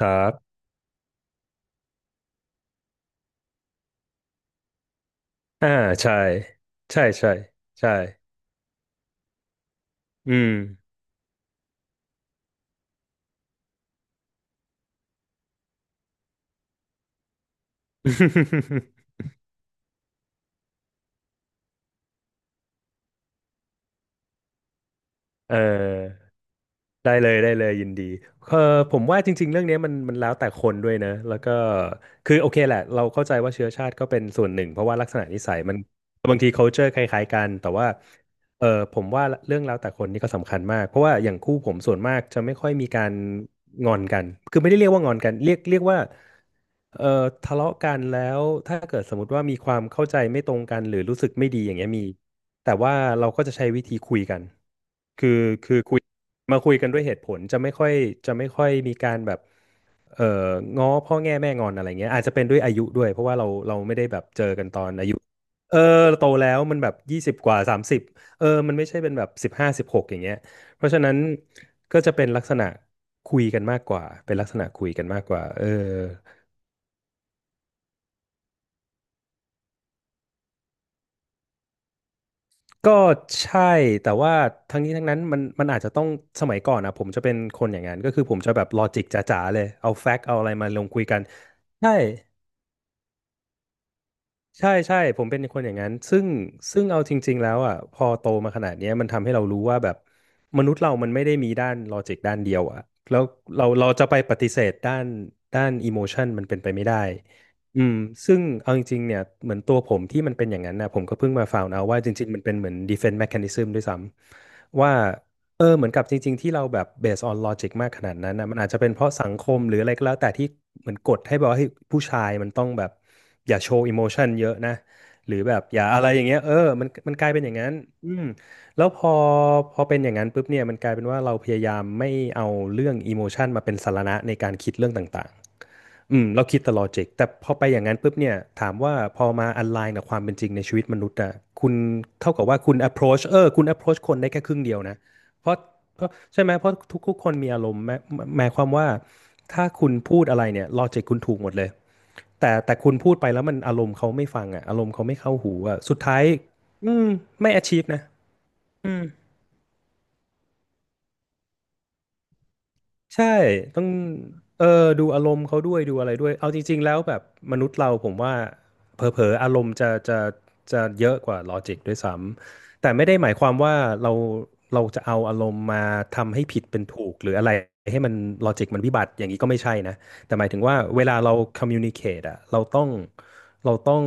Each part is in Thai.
ครับอ่าใช่ใช่ใช่ใช่อืม เออ ได้เลยยินดีเออผมว่าจริงๆเรื่องนี้มันแล้วแต่คนด้วยนะแล้วก็คือโอเคแหละเราเข้าใจว่าเชื้อชาติก็เป็นส่วนหนึ่งเพราะว่าลักษณะนิสัยมันบางที culture คล้ายๆกันแต่ว่าเออผมว่าเรื่องแล้วแต่คนนี่ก็สำคัญมากเพราะว่าอย่างคู่ผมส่วนมากจะไม่ค่อยมีการงอนกันคือไม่ได้เรียกว่างอนกันเรียกว่าเออทะเลาะกันแล้วถ้าเกิดสมมติว่ามีความเข้าใจไม่ตรงกันหรือรู้สึกไม่ดีอย่างเงี้ยมีแต่ว่าเราก็จะใช้วิธีคุยกันคือคือคุย มาคุยกันด้วยเหตุผลจะไม่ค่อยมีการแบบเอ่อง้อพ่อแง่แม่งอนอะไรเงี้ยอาจจะเป็นด้วยอายุด้วยเพราะว่าเราไม่ได้แบบเจอกันตอนอายุเออโตแล้วมันแบบ20กว่า30เออมันไม่ใช่เป็นแบบ1516อย่างเงี้ยเพราะฉะนั้นก็จะเป็นลักษณะคุยกันมากกว่าเป็นลักษณะคุยกันมากกว่าเออก็ใช่แต่ว่าทั้งนี้ทั้งนั้นมันอาจจะต้องสมัยก่อนนะผมจะเป็นคนอย่างนั้นก็คือผมจะแบบลอจิกจ๋าๆเลยเอาแฟกต์เอาอะไรมาลงคุยกันใช่ ใช่ผมเป็นคนอย่างนั้นซึ่งเอาจริงๆแล้วอ่ะพอโตมาขนาดเนี้ยมันทำให้เรารู้ว่าแบบมนุษย์เรามันไม่ได้มีด้านลอจิกด้านเดียวอ่ะแล้วเราจะไปปฏิเสธด้านอิโมชันมันเป็นไปไม่ได้อืมซึ่งเอาจริงๆเนี่ยเหมือนตัวผมที่มันเป็นอย่างนั้นนะผมก็เพิ่งมาฟาวน์เอาว่าจริงๆมันเป็นเหมือน defense mechanism ด้วยซ้ำว่า เออเหมือนกับจริงๆที่เราแบบ based on logic มากขนาดนั้นนะมันอาจจะเป็นเพราะสังคมหรืออะไรก็แล้วแต่ที่เหมือนกดให้แบบว่าเฮ้ยผู้ชายมันต้องแบบอย่าโชว์ emotion เยอะนะหรือแบบอย่าอะไรอย่างเงี้ยเออมันกลายเป็นอย่างนั้นอืมแล้วพอเป็นอย่างนั้นปุ๊บเนี่ยมันกลายเป็นว่าเราพยายามไม่เอาเรื่อง emotion มาเป็นสาระในการคิดเรื่องต่างๆ อืมเราคิดแต่ลอจิกแต่พอไปอย่างนั้นปุ๊บเนี่ยถามว่าพอมาอันไลน์กับความเป็นจริงในชีวิตมนุษย์อะคุณเท่ากับว่าคุณ approach คุณ approach คนได้แค่ครึ่งเดียวนะเพราะใช่ไหมเพราะทุกคนมีอารมณ์แม้หมายความว่าถ้าคุณพูดอะไรเนี่ยลอจิกคุณถูกหมดเลยแต่คุณพูดไปแล้วมันอารมณ์เขาไม่ฟังอะอารมณ์เขาไม่เข้าหูอะสุดท้ายอืมไม่ achieve นะ ใช่ต้องเออดูอารมณ์เขาด้วยดูอะไรด้วยเอาจริงๆแล้วแบบมนุษย์เราผมว่าเผลอๆอารมณ์จะเยอะกว่าลอจิกด้วยซ้ำแต่ไม่ได้หมายความว่าเราเราจะเอาอารมณ์มาทำให้ผิดเป็นถูกหรืออะไรให้มันลอจิกมันวิบัติอย่างนี้ก็ไม่ใช่นะแต่หมายถึงว่าเวลาเรา communicate อะเราต้อง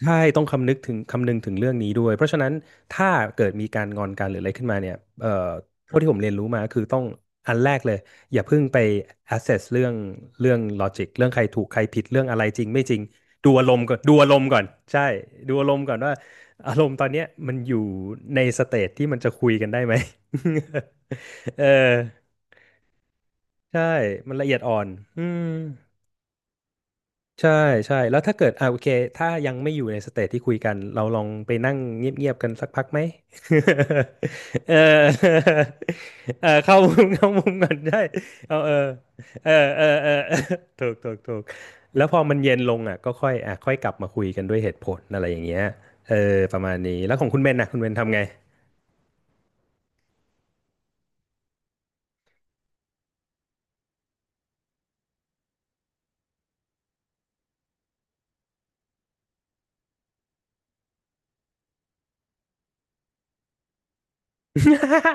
ใช่ต้องคำนึกถึงคำนึงถึงเรื่องนี้ด้วยเพราะฉะนั้นถ้าเกิดมีการงอนกันหรืออะไรขึ้นมาเนี่ยเท่าที่ผมเรียนรู้มาคือต้องอันแรกเลยอย่าเพิ่งไป assess เรื่องlogic เรื่องใครถูกใครผิดเรื่องอะไรจริงไม่จริงดูอารมณ์ก่อนดูอารมณ์ก่อนใช่ดูอารมณ์ก่อนว่าอารมณ์ตอนเนี้ยมันอยู่ในสเตจที่มันจะคุยกันได้ไหม เออใช่มันละเอียดอ่อนอืม ใช่ใช่แล้วถ้าเกิดอ่าโอเคถ้ายังไม่อยู่ในสเตจที่คุยกันเราลองไปนั่งเงียบๆกันสักพักไหม เออ เออเข้ามุม เข้ามุมก่อนได้เอาเออเออเออเออ เออถูกแล้วพอมันเย็นลงอ่ะก็ค่อยอ่ะค่อยกลับมาคุยกันด้วยเหตุผลอะไรอย่างเงี้ยเออประมาณนี้แล้วของคุณเบนนะคุณเบนทำไง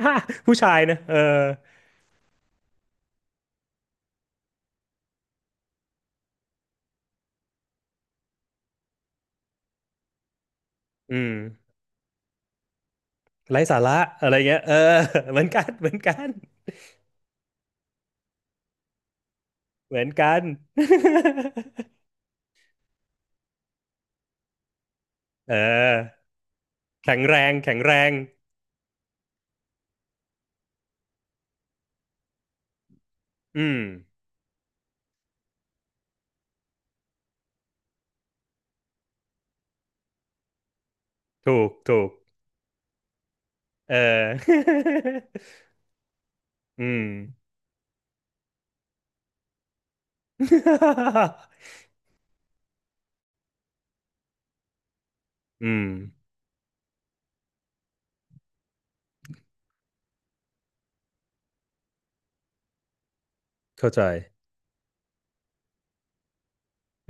ผู้ชายนะเอออืมไร้สาระอะไรเงี้ยเออ เหมือนกันเหมือนกันเหมือนกัน เออแข็งแรงอืมถูกเออ อืม อืมเข้าใจ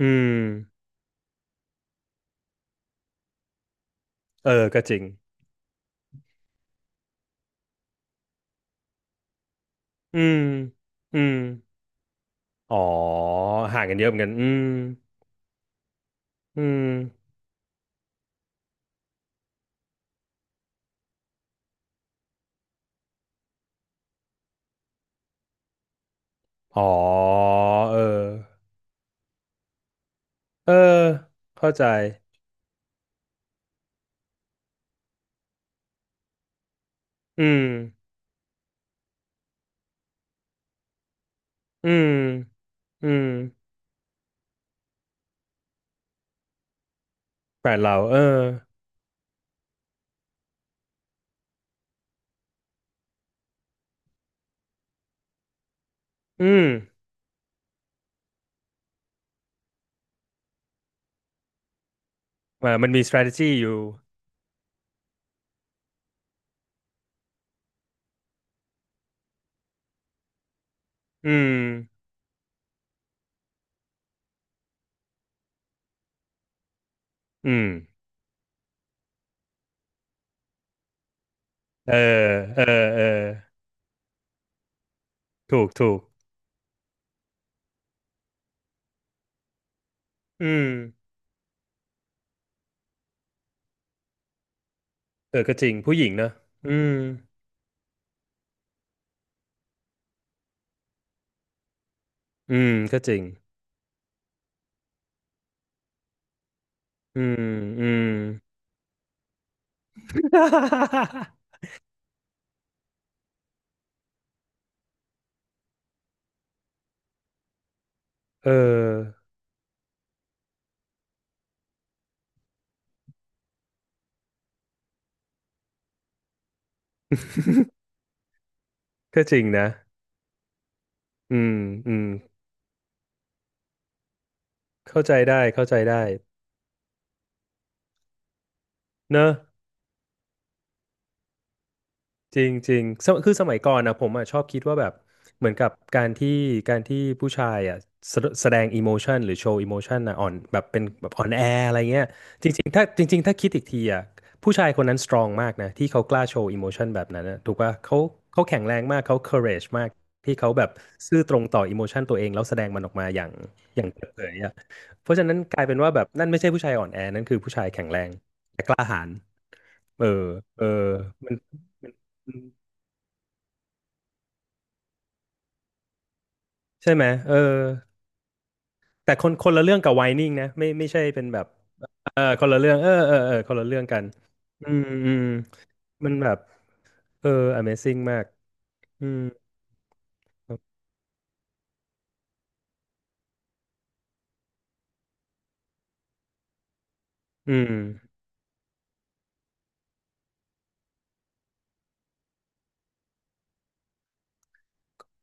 อืมเออก็จริงอืมอืมอ๋อห่างกันเยอะเหมือนกันอืมอืมอ๋อเออเออเข้าใจอืมอืมอืมแบรนด์เราเอออืมอ่ามันมี strategy อยู่อืมอืม เออเออเออถูกถูกอืมเออก็จริงผู้หญิงเนอะอืมอืมก็จริงอืมอืมเออก็จริงนะอืมอืมเข้าใจได้เข้าใจได้เนอะ จริงจริงสมคือสมัยก่อนนะผมอ่ะชอบคิดว่าแบบเหมือนกับการที่การที่ผู้ชายอ่ะแสแสดงอิโมชันหรือโชว์อิโมชันนะอ่อนแบบเป็นแบบอ่อนแออะไรเงี้ยจริงๆถ้าจริงๆถ้าคิดอีกทีอ่ะผู้ชายคนนั้นสตรองมากนะที่เขากล้าโชว์อิโมชันแบบนั้นนะถูกป่ะเขาเขาแข็งแรงมากเขา courage มากที่เขาแบบซื่อตรงต่ออิโมชันตัวเองแล้วแสดงมันออกมาอย่างอย่างเปิดเผยอ่ะ เพราะฉะนั้นกลายเป็นว่าแบบนั่นไม่ใช่ผู้ชายอ่อนแอนั่นคือผู้ชายแข็งแรงแต่กล้าหาญเออเออมันมันมันใช่ไหมเออแต่คนคนละเรื่องกับไวนิ่งนะไม่ไม่ใช่เป็นแบบเออคนละเรื่องเออเออเออคนละเรื่องกันอืมอืมมันแบบเออ Amazing มากอืมอืม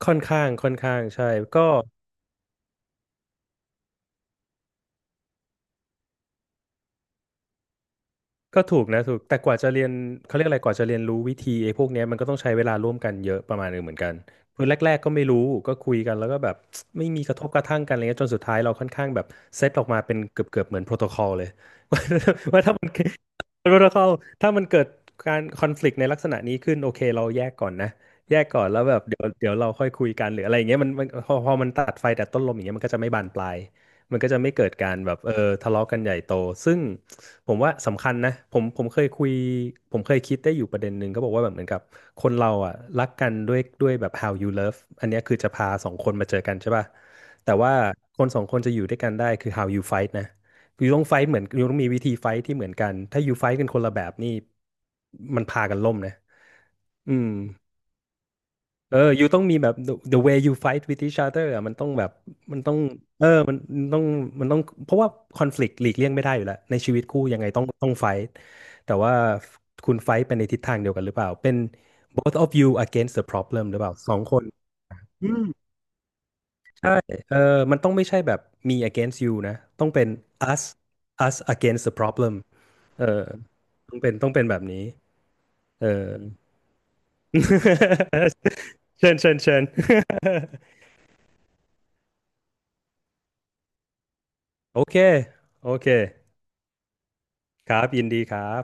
ค่อนข้างค่อนข้างใช่ก็ ก็ถูกนะถูกแต่กว่าจะเรียนเขาเรียกอะไรกว่าจะเรียนรู้วิธีไอ้พวกเนี้ยมันก็ต้องใช้เวลาร่วมกันเยอะประมาณหนึงเหมือนกันคือแรกๆก็ไม่รู้ก็คุยกันแล้วก็แบบ ไม่มีกระทบกระทั่งกันอะไรเงี้ยจนสุดท้ายเราค่อนข้างแบบเซตออกมาเป็นเกือบๆเหมือนโปรโตคอลเลย ว่าว่าถ้ามัน โปรโตคอลถ้ามันเกิดการคอนฟ lict ในลักษณะนี้ขึ้นโอเคเราแยกก่อนนะแยกก่อนแล้วแบบเดี๋ยวเราค่อยคุยกันหรืออะไรอย่างเงี้ยมันพอมันตัดไฟแต่ต้นลมอย่างเงี้ยมันก็จะไม่บานปลายมันก็จะไม่เกิดการแบบเออทะเลาะกันใหญ่โตซึ่ง ผมว่าสำคัญนะผมเคยคุยผมเคยคิดได้อยู่ประเด็นหนึ่งก็บอกว่าแบบเหมือนกับคนเราอ่ะรักกันด้วยแบบ how you love อันเนี้ยคือจะพาสองคนมาเจอกันใช่ป่ะแต่ว่าคนสองคนจะอยู่ด้วยกันได้คือ how you fight นะอยู่ต้อง fight เหมือนอยู่ต้องมีวิธี Fight ที่เหมือนกันถ้า You Fight กันคนละแบบนี่มันพากันล่มนะอืม เออ you ต้องมีแบบ the way you fight with each other อะมันต้องแบบมันต้องเออมันต้องเพราะว่าคอน FLICT หลีกเลี่ยงไม่ได้อยู่แล้วในชีวิตคู่ยังไงต้องไฟท์แต่ว่าคุณไฟท์เป็นในทิศทางเดียวกันหรือเปล่า เป็น both of you against the problem หรือเปล่าสองคนอืมใช่เออมันต้องไม่ใช่แบบ me against you นะต้องเป็น us us against the problem เออต้องเป็นแบบนี้เออ เชิญ โอเค โอเค ครับ ยินดีครับ